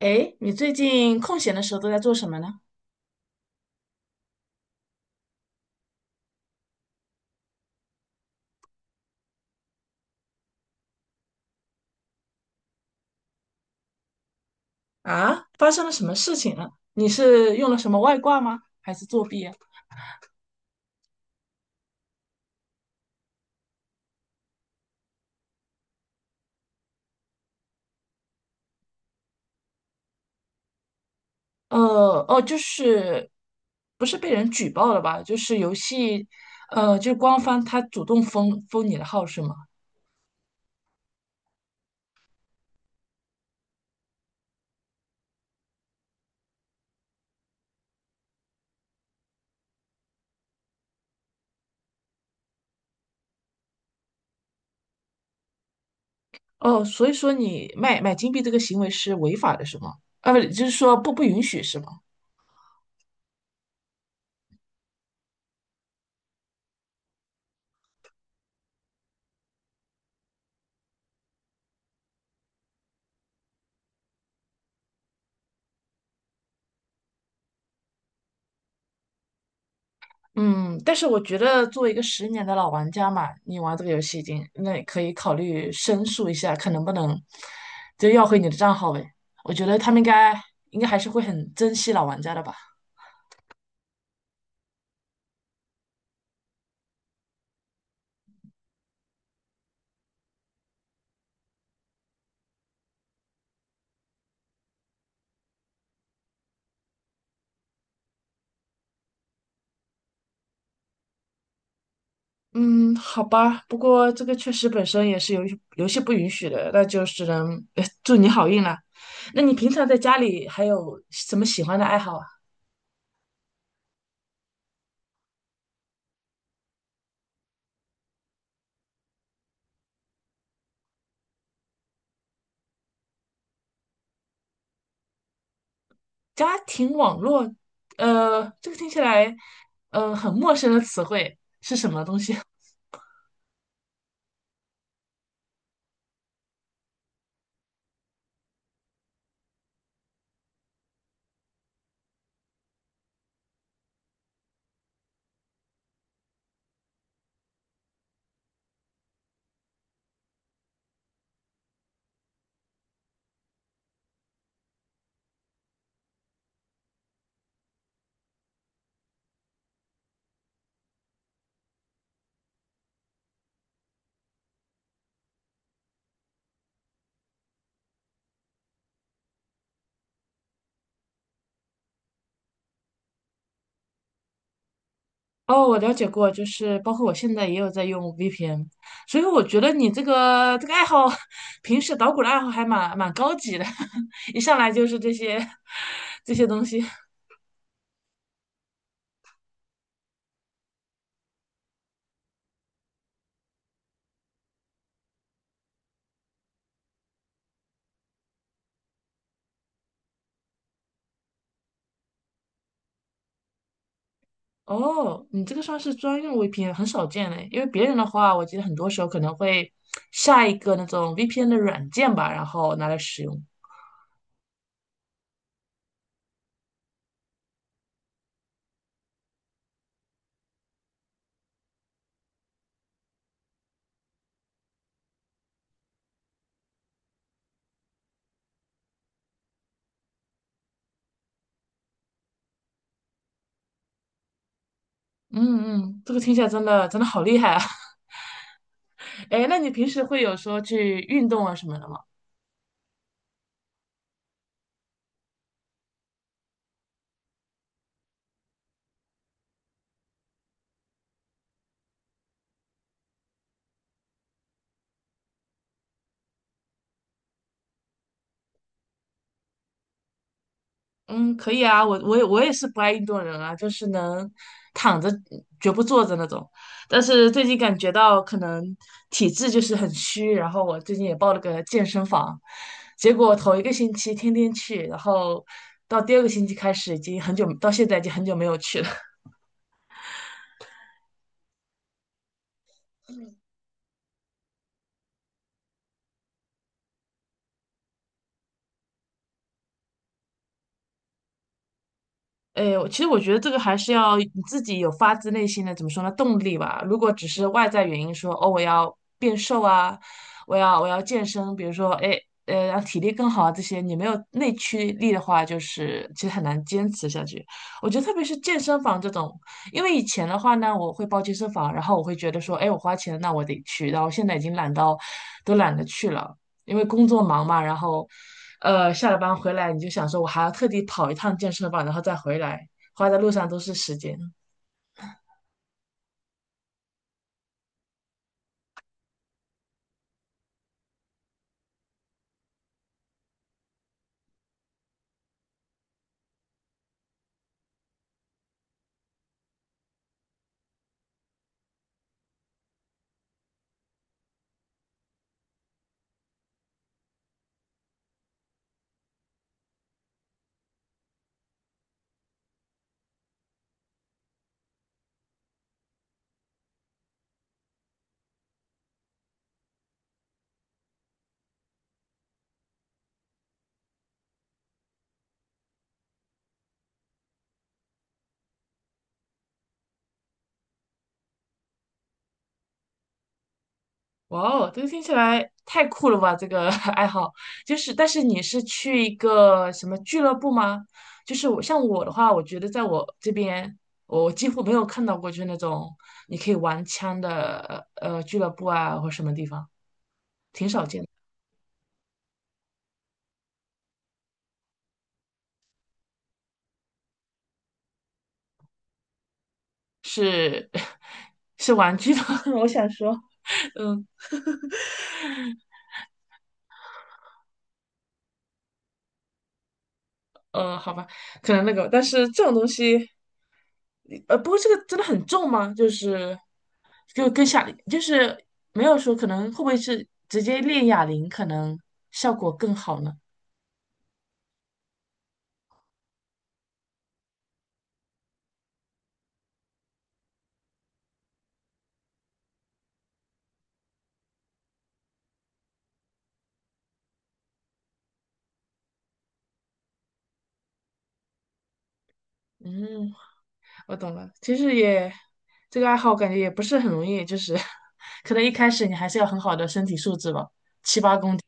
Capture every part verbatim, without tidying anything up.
哎，你最近空闲的时候都在做什么呢？啊，发生了什么事情了？你是用了什么外挂吗？还是作弊啊？呃，哦，就是不是被人举报了吧？就是游戏，呃，就是官方他主动封封你的号是吗？哦，所以说你卖买金币这个行为是违法的是吗？啊，不，就是说不不允许是吗？嗯，但是我觉得作为一个十年的老玩家嘛，你玩这个游戏已经，那可以考虑申诉一下，看能不能就要回你的账号呗。我觉得他们应该应该还是会很珍惜老玩家的吧。嗯，好吧，不过这个确实本身也是游戏游戏不允许的，那就只能呃祝你好运了。那你平常在家里还有什么喜欢的爱好啊？家庭网络，呃，这个听起来呃很陌生的词汇是什么东西？哦，我了解过，就是包括我现在也有在用 V P N，所以我觉得你这个这个爱好，平时捣鼓的爱好还蛮蛮高级的，一上来就是这些这些东西。哦，你这个算是专用 V P N，很少见嘞，因为别人的话，我记得很多时候可能会下一个那种 V P N 的软件吧，然后拿来使用。嗯嗯，这个听起来真的真的好厉害啊！哎，那你平时会有说去运动啊什么的吗？嗯，可以啊，我我也我也是不爱运动人啊，就是能躺着绝不坐着那种。但是最近感觉到可能体质就是很虚，然后我最近也报了个健身房，结果头一个星期天天去，然后到第二个星期开始已经很久，到现在已经很久没有去了。哎，我其实我觉得这个还是要你自己有发自内心的，怎么说呢，动力吧。如果只是外在原因说，哦，我要变瘦啊，我要我要健身，比如说，哎，呃，让体力更好啊，这些你没有内驱力的话，就是其实很难坚持下去。我觉得特别是健身房这种，因为以前的话呢，我会报健身房，然后我会觉得说，哎，我花钱，那我得去，然后现在已经懒到都懒得去了。因为工作忙嘛，然后，呃，下了班回来你就想说，我还要特地跑一趟健身房，然后再回来，花在路上都是时间。哇哦，这个听起来太酷了吧！这个 爱好就是，但是你是去一个什么俱乐部吗？就是我像我的话，我觉得在我这边，我几乎没有看到过就是那种你可以玩枪的呃俱乐部啊，或什么地方，挺少见的。是 是玩具的，我想说。嗯。呃，好吧，可能那个，但是这种东西，呃，不过这个真的很重吗？就是就跟哑，就是没有说可能会不会是直接练哑铃，可能效果更好呢？嗯，我懂了。其实也这个爱好，感觉也不是很容易，就是 可能一开始你还是要很好的身体素质吧。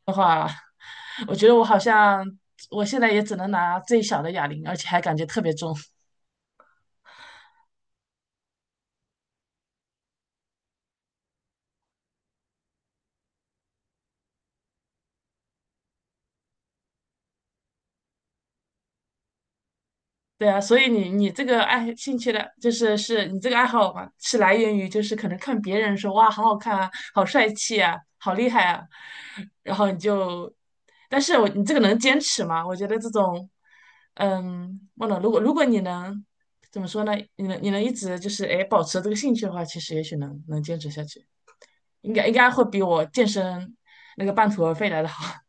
的话，我觉得我好像我现在也只能拿最小的哑铃，而且还感觉特别重。对啊，所以你你这个爱兴趣的，就是是你这个爱好嘛，是来源于就是可能看别人说哇好好看啊，好帅气啊，好厉害啊，然后你就，但是我你这个能坚持吗？我觉得这种，嗯，忘了，如果如果你能怎么说呢？你能你能一直就是哎保持这个兴趣的话，其实也许能能坚持下去，应该应该会比我健身那个半途而废来的好。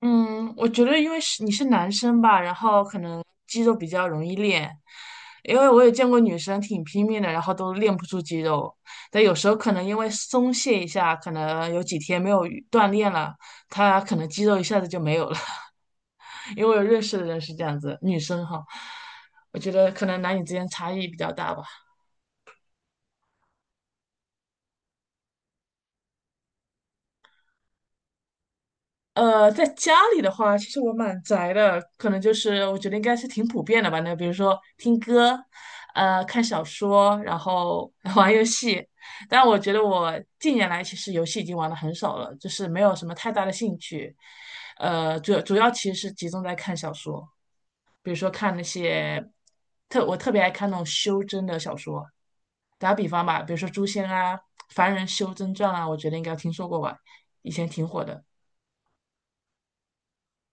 嗯，我觉得因为是你是男生吧，然后可能肌肉比较容易练，因为我也见过女生挺拼命的，然后都练不出肌肉。但有时候可能因为松懈一下，可能有几天没有运锻炼了，她可能肌肉一下子就没有了。因为我有认识的人是这样子，女生哈，我觉得可能男女之间差异比较大吧。呃，在家里的话，其实我蛮宅的，可能就是我觉得应该是挺普遍的吧。那比如说听歌，呃，看小说，然后 玩游戏。但我觉得我近年来其实游戏已经玩的很少了，就是没有什么太大的兴趣。呃，主主要其实是集中在看小说，比如说看那些特我特别爱看那种修真的小说。打个比方吧，比如说《诛仙》啊，《凡人修真传》啊，我觉得应该听说过吧，以前挺火的。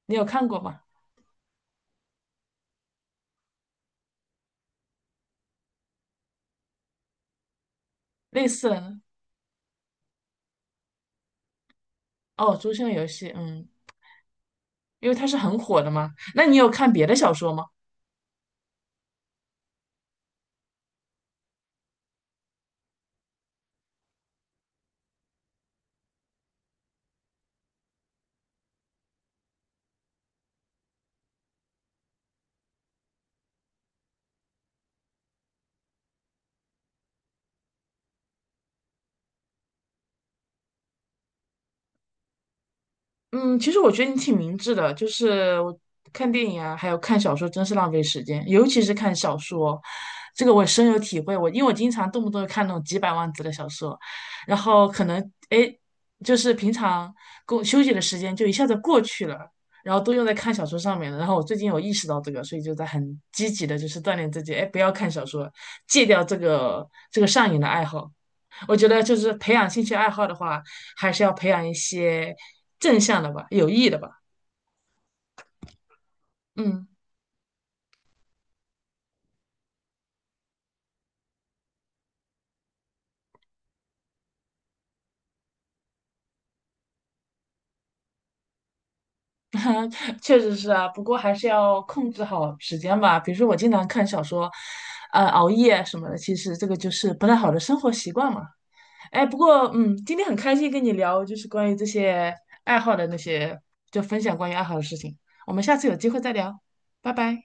你有看过吗？类似的呢哦，《诛仙》游戏，嗯，因为它是很火的嘛。那你有看别的小说吗？嗯，其实我觉得你挺明智的，就是我看电影啊，还有看小说，真是浪费时间，尤其是看小说，这个我深有体会。我因为我经常动不动就看那种几百万字的小说，然后可能哎诶，就是平常工休息的时间就一下子过去了，然后都用在看小说上面了。然后我最近有意识到这个，所以就在很积极的，就是锻炼自己，哎，不要看小说，戒掉这个这个上瘾的爱好。我觉得就是培养兴趣爱好的话，还是要培养一些正向的吧，有益的吧。嗯，确实是啊，不过还是要控制好时间吧。比如说我经常看小说，呃，熬夜什么的，其实这个就是不太好的生活习惯嘛。哎，不过嗯，今天很开心跟你聊，就是关于这些爱好的那些，就分享关于爱好的事情。我们下次有机会再聊，拜拜。